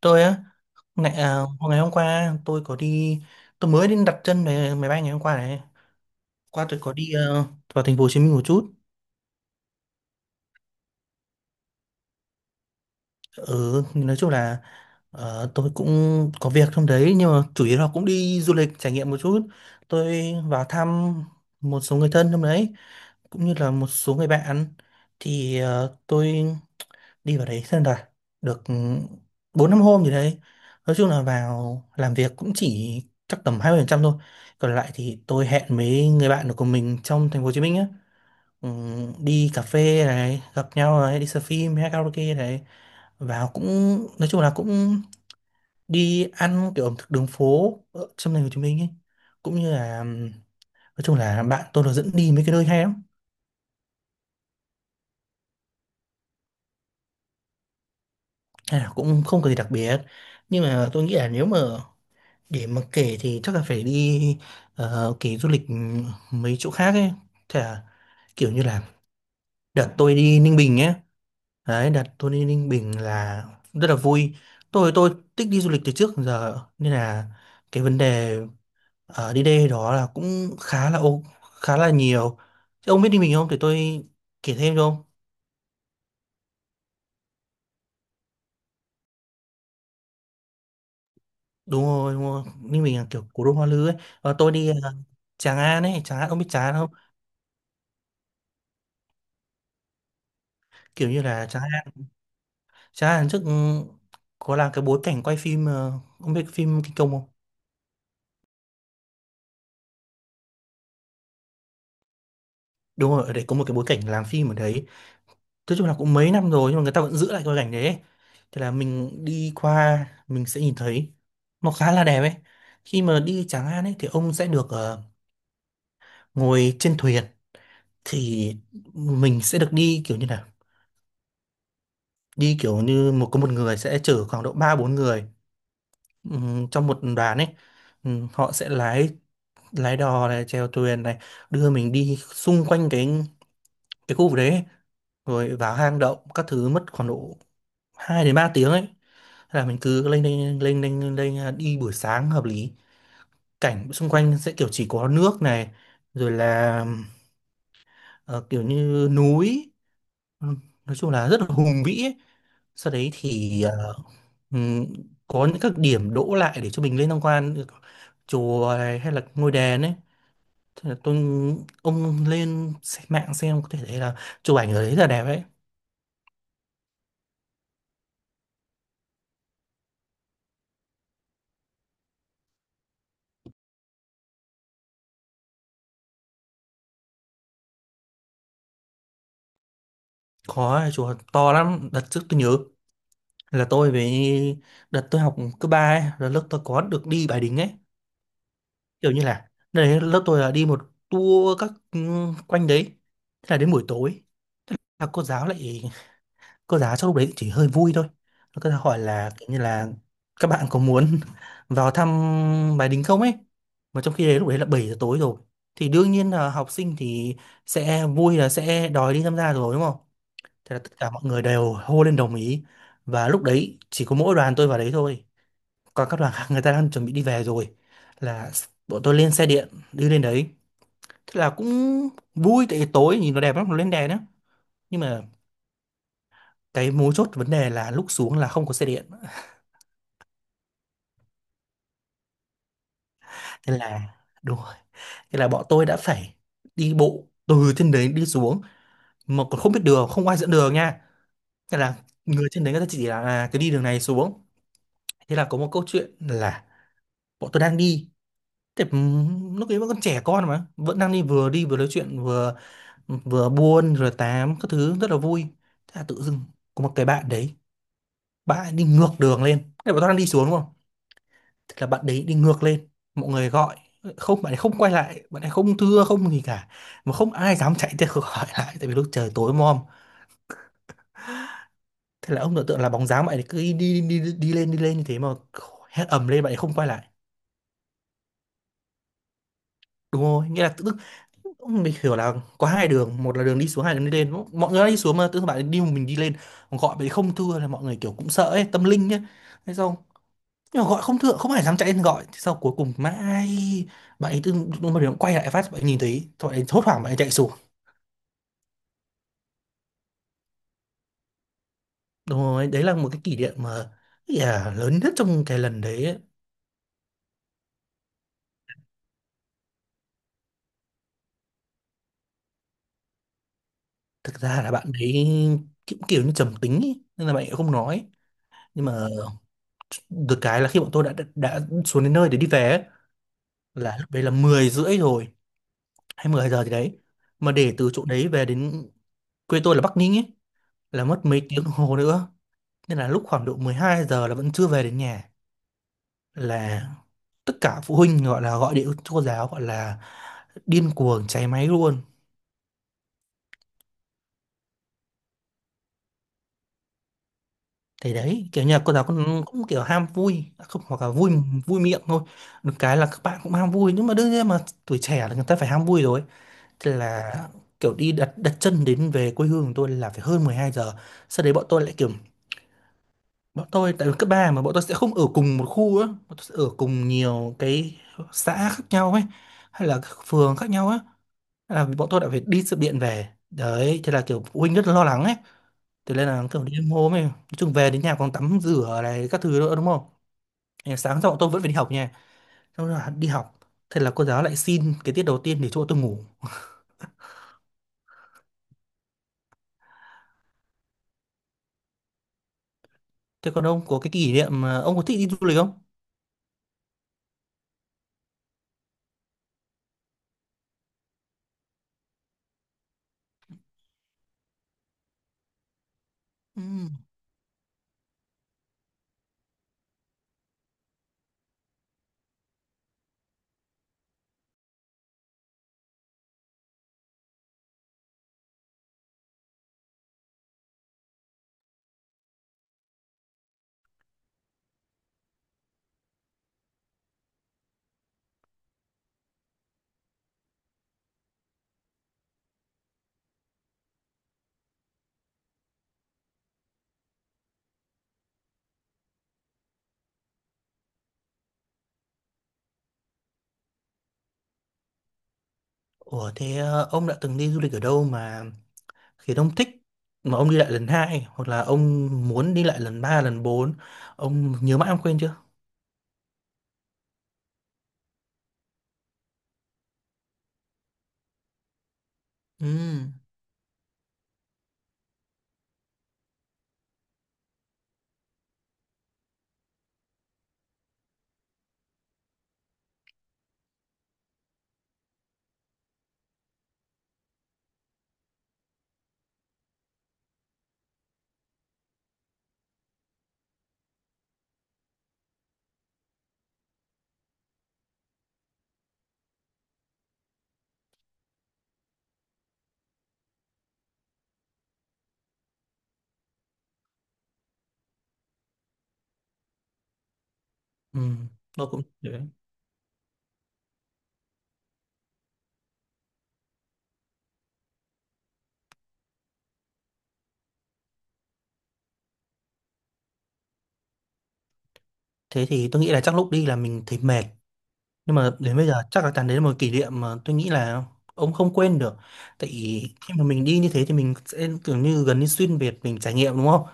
Tôi á. ngày, à, Ngày hôm qua tôi có đi. Tôi mới đi đặt chân về máy bay ngày hôm qua này. Qua tôi có đi vào thành phố Hồ Chí Minh một chút. Ừ, nói chung là tôi cũng có việc trong đấy, nhưng mà chủ yếu là cũng đi du lịch trải nghiệm một chút. Tôi vào thăm một số người thân trong đấy, cũng như là một số người bạn. Thì tôi đi vào đấy xem rồi được bốn năm hôm gì đấy. Nói chung là vào làm việc cũng chỉ chắc tầm 20% thôi, còn lại thì tôi hẹn mấy người bạn của mình trong thành phố Hồ Chí Minh á. Ừ, đi cà phê này, gặp nhau này, đi xem phim hay karaoke này. Vào cũng nói chung là cũng đi ăn kiểu ẩm thực đường phố ở trong thành phố Hồ Chí Minh ấy, cũng như là nói chung là bạn tôi nó dẫn đi mấy cái nơi hay lắm. Hay là cũng không có gì đặc biệt, nhưng mà tôi nghĩ là nếu mà để mà kể thì chắc là phải đi kể du lịch mấy chỗ khác ấy. Thế là kiểu như là đợt tôi đi Ninh Bình nhé. Đấy, đợt tôi đi Ninh Bình là rất là vui. Tôi thích đi du lịch từ trước đến giờ, nên là cái vấn đề ở đi đây đó là cũng khá là nhiều. Thế ông biết Ninh Bình không? Để tôi kể thêm cho ông. Đúng rồi, đúng rồi. Ninh Bình là kiểu cố đô Hoa Lư ấy. Ờ, tôi đi Tràng An ấy, Tràng An, ông biết Tràng An không? Kiểu như là Tràng An. Chà, lần trước có là cái bối cảnh quay phim ông biết phim Kinh Công không? Đúng rồi, ở đấy có một cái bối cảnh làm phim ở đấy. Nói chung là cũng mấy năm rồi nhưng mà người ta vẫn giữ lại cái bối cảnh đấy ấy. Thế là mình đi qua mình sẽ nhìn thấy nó khá là đẹp ấy. Khi mà đi Tràng An ấy thì ông sẽ được ngồi trên thuyền, thì mình sẽ được đi kiểu như là đi kiểu như một có một người sẽ chở khoảng độ 3 4 người trong một đoàn ấy. Họ sẽ lái lái đò này, chèo thuyền này, đưa mình đi xung quanh cái khu vực đấy ấy, rồi vào hang động các thứ mất khoảng độ 2 đến 3 tiếng ấy. Thế là mình cứ lên lên lên lên lên, lên à, đi buổi sáng hợp lý, cảnh xung quanh sẽ kiểu chỉ có nước này, rồi là ờ, kiểu như núi. Ừ, nói chung là rất là hùng vĩ ấy. Sau đấy thì ừm, có những các điểm đỗ lại để cho mình lên tham quan chùa này hay là ngôi đền ấy. Thế là tôi ông mạng xem có thể thấy là chụp ảnh ở đấy là đẹp ấy. Có chùa to lắm, đợt trước tôi nhớ là tôi với đợt tôi học cấp ba ấy là lớp tôi có được đi Bái Đính ấy. Kiểu như là đấy lớp tôi là đi một tour các quanh đấy. Thế là đến buổi tối là cô giáo lại, cô giáo trong lúc đấy chỉ hơi vui thôi, cô giáo hỏi là kiểu như là các bạn có muốn vào thăm Bái Đính không ấy, mà trong khi đấy lúc đấy là 7 giờ tối rồi. Thì đương nhiên là học sinh thì sẽ vui là sẽ đòi đi tham gia rồi, đúng không? Thế là tất cả mọi người đều hô lên đồng ý, và lúc đấy chỉ có mỗi đoàn tôi vào đấy thôi, còn các đoàn khác người ta đang chuẩn bị đi về rồi. Là bọn tôi lên xe điện đi lên đấy. Thế là cũng vui, tại vì tối nhìn nó đẹp lắm, nó lên đèn á. Nhưng mà cái mấu chốt vấn đề là lúc xuống là không có xe điện. Thế là đúng rồi. Thế là bọn tôi đã phải đi bộ từ trên đấy đi xuống, mà còn không biết đường, không ai dẫn đường nha. Nên là người trên đấy người ta chỉ là à, cái đi đường này xuống. Thế là có một câu chuyện là bọn tôi đang đi. Thế lúc ấy vẫn còn trẻ con mà vẫn đang đi, vừa đi vừa nói chuyện, vừa vừa buôn rồi tám các thứ rất là vui. Thế là tự dưng có một cái bạn đấy, bạn ấy đi ngược đường lên. Thế bọn tôi đang đi xuống đúng không? Thế là bạn đấy đi ngược lên. Mọi người gọi không, bạn ấy không quay lại, bạn ấy không thưa không gì cả, mà không ai dám chạy theo khỏi lại tại vì lúc trời tối mòm. Thế là ông tưởng tượng là bóng dáng bạn ấy cứ đi, đi, đi, đi lên như thế, mà hét ầm lên bạn ấy không quay lại. Đúng rồi, nghĩa là tự dưng ông mình hiểu là có hai đường, một là đường đi xuống, hai là đường đi lên. Mọi người đã đi xuống mà tự dưng bạn ấy đi một mình đi lên. Còn gọi bạn ấy không thưa là mọi người kiểu cũng sợ ấy, tâm linh nhá. Thế xong, nhưng mà gọi không thưa, không ai dám chạy lên gọi. Thế sau cuối cùng mãi, bạn ấy tự dưng lúc mà quay lại phát, bạn ấy nhìn thấy, thôi bạn ấy hốt hoảng bạn ấy chạy xuống. Đúng rồi, đấy là một cái kỷ niệm mà yeah, lớn nhất trong cái lần đấy ấy. Thực ra là bạn ấy cũng kiểu như trầm tính ý, nên là bạn ấy không nói. Nhưng mà được cái là khi bọn tôi đã xuống đến nơi để đi về ấy, là lúc đấy là 10 rưỡi rồi hay 10 giờ gì đấy. Mà để từ chỗ đấy về đến quê tôi là Bắc Ninh ấy là mất mấy tiếng đồng hồ nữa, nên là lúc khoảng độ 12 giờ là vẫn chưa về đến nhà. Là tất cả phụ huynh gọi là gọi điện cho cô giáo, gọi là điên cuồng cháy máy luôn. Thì đấy, kiểu như là cô giáo cũng kiểu ham vui, à không, hoặc là vui vui miệng thôi. Được cái là các bạn cũng ham vui, nhưng mà đương nhiên mà tuổi trẻ là người ta phải ham vui rồi. Thế là kiểu đi đặt đặt chân đến về quê hương của tôi là phải hơn 12 giờ. Sau đấy bọn tôi lại kiểu bọn tôi tại vì cấp 3 mà bọn tôi sẽ không ở cùng một khu á, bọn tôi sẽ ở cùng nhiều cái xã khác nhau ấy, hay là các phường khác nhau á. Thế là bọn tôi đã phải đi sự điện về. Đấy, thế là kiểu phụ huynh rất là lo lắng ấy. Thế nên là kiểu đi hôm ấy, nói chung về đến nhà còn tắm rửa này các thứ nữa đúng không? Ngày sáng xong tôi vẫn phải đi học nha, xong rồi đi học, thế là cô giáo lại xin cái tiết đầu tiên để cho tôi ngủ. Thế còn ông có cái kỷ niệm mà ông có thích đi du lịch không? Ừ. Ủa thế ông đã từng đi du lịch ở đâu mà khiến ông thích, mà ông đi lại lần hai, hoặc là ông muốn đi lại lần ba lần bốn, ông nhớ mãi ông quên chưa? Ừ. Ừ, tôi cũng thế. Thế thì tôi nghĩ là chắc lúc đi là mình thấy mệt. Nhưng mà đến bây giờ chắc là Tàn đấy là một kỷ niệm mà tôi nghĩ là ông không quên được. Tại khi mà mình đi như thế thì mình sẽ kiểu như gần như xuyên Việt mình trải nghiệm đúng không?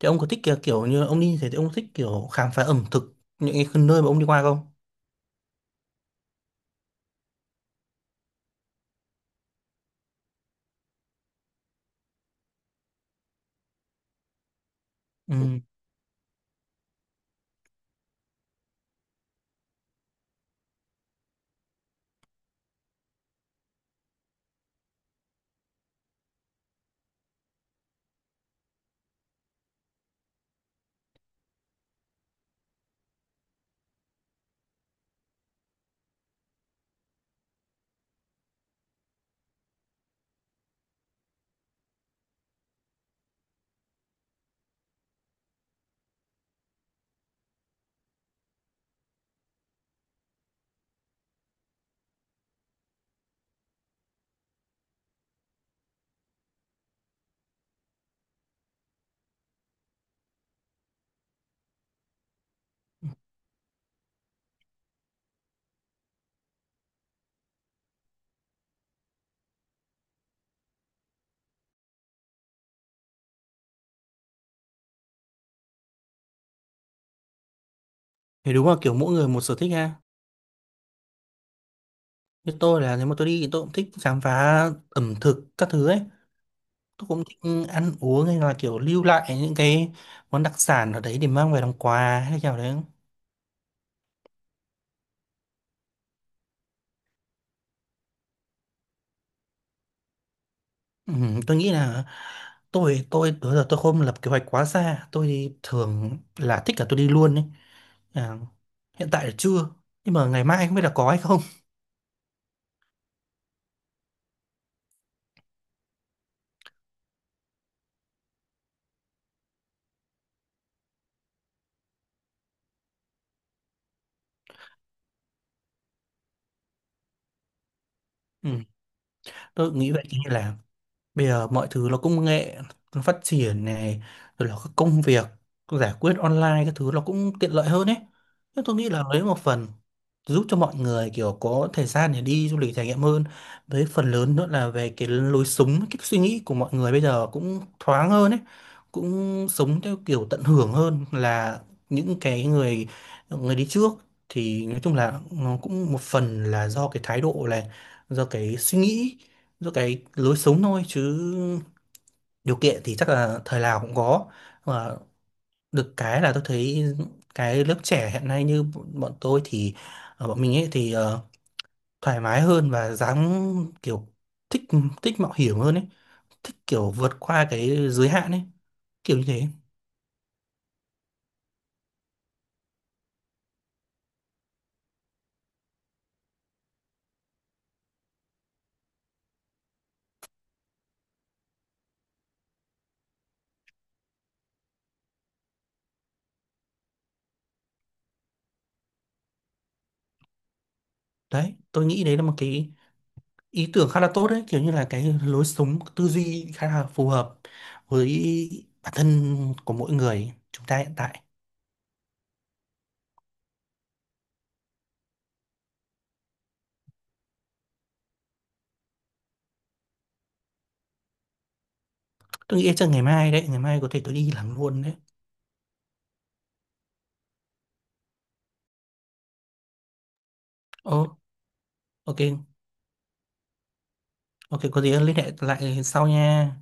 Thì ông có thích kiểu, kiểu như ông đi như thế thì ông có thích kiểu khám phá ẩm thực những cái nơi mà ông đi qua không? Ừ. Thì đúng là kiểu mỗi người một sở thích ha. Như tôi là nếu mà tôi đi thì tôi cũng thích khám phá ẩm thực các thứ ấy. Tôi cũng thích ăn uống hay là kiểu lưu lại những cái món đặc sản ở đấy để mang về làm quà hay là kiểu đấy. Ừ, tôi nghĩ là tôi đó giờ tôi không lập kế hoạch quá xa, tôi thì thường là thích là tôi đi luôn ấy. À, hiện tại là chưa, nhưng mà ngày mai không biết là có hay không. Ừ, tôi nghĩ vậy. Như là bây giờ mọi thứ nó công nghệ, nó phát triển này, rồi là các công việc giải quyết online các thứ nó cũng tiện lợi hơn ấy. Thế tôi nghĩ là lấy một phần giúp cho mọi người kiểu có thời gian để đi du lịch trải nghiệm hơn, với phần lớn nữa là về cái lối sống, cái suy nghĩ của mọi người bây giờ cũng thoáng hơn ấy, cũng sống theo kiểu tận hưởng hơn là những cái người người đi trước. Thì nói chung là nó cũng một phần là do cái thái độ này, do cái suy nghĩ, do cái lối sống thôi, chứ điều kiện thì chắc là thời nào cũng có. Và được cái là tôi thấy cái lớp trẻ hiện nay như bọn tôi thì ở bọn mình ấy thì thoải mái hơn và dám kiểu thích, thích mạo hiểm hơn ấy, thích kiểu vượt qua cái giới hạn ấy, kiểu như thế. Đấy, tôi nghĩ đấy là một cái ý tưởng khá là tốt đấy, kiểu như là cái lối sống tư duy khá là phù hợp với bản thân của mỗi người chúng ta hiện tại. Tôi nghĩ chắc ngày mai đấy, ngày mai có thể tôi đi làm luôn đấy. Ồ, ok. Ok, có gì liên hệ lại sau nha.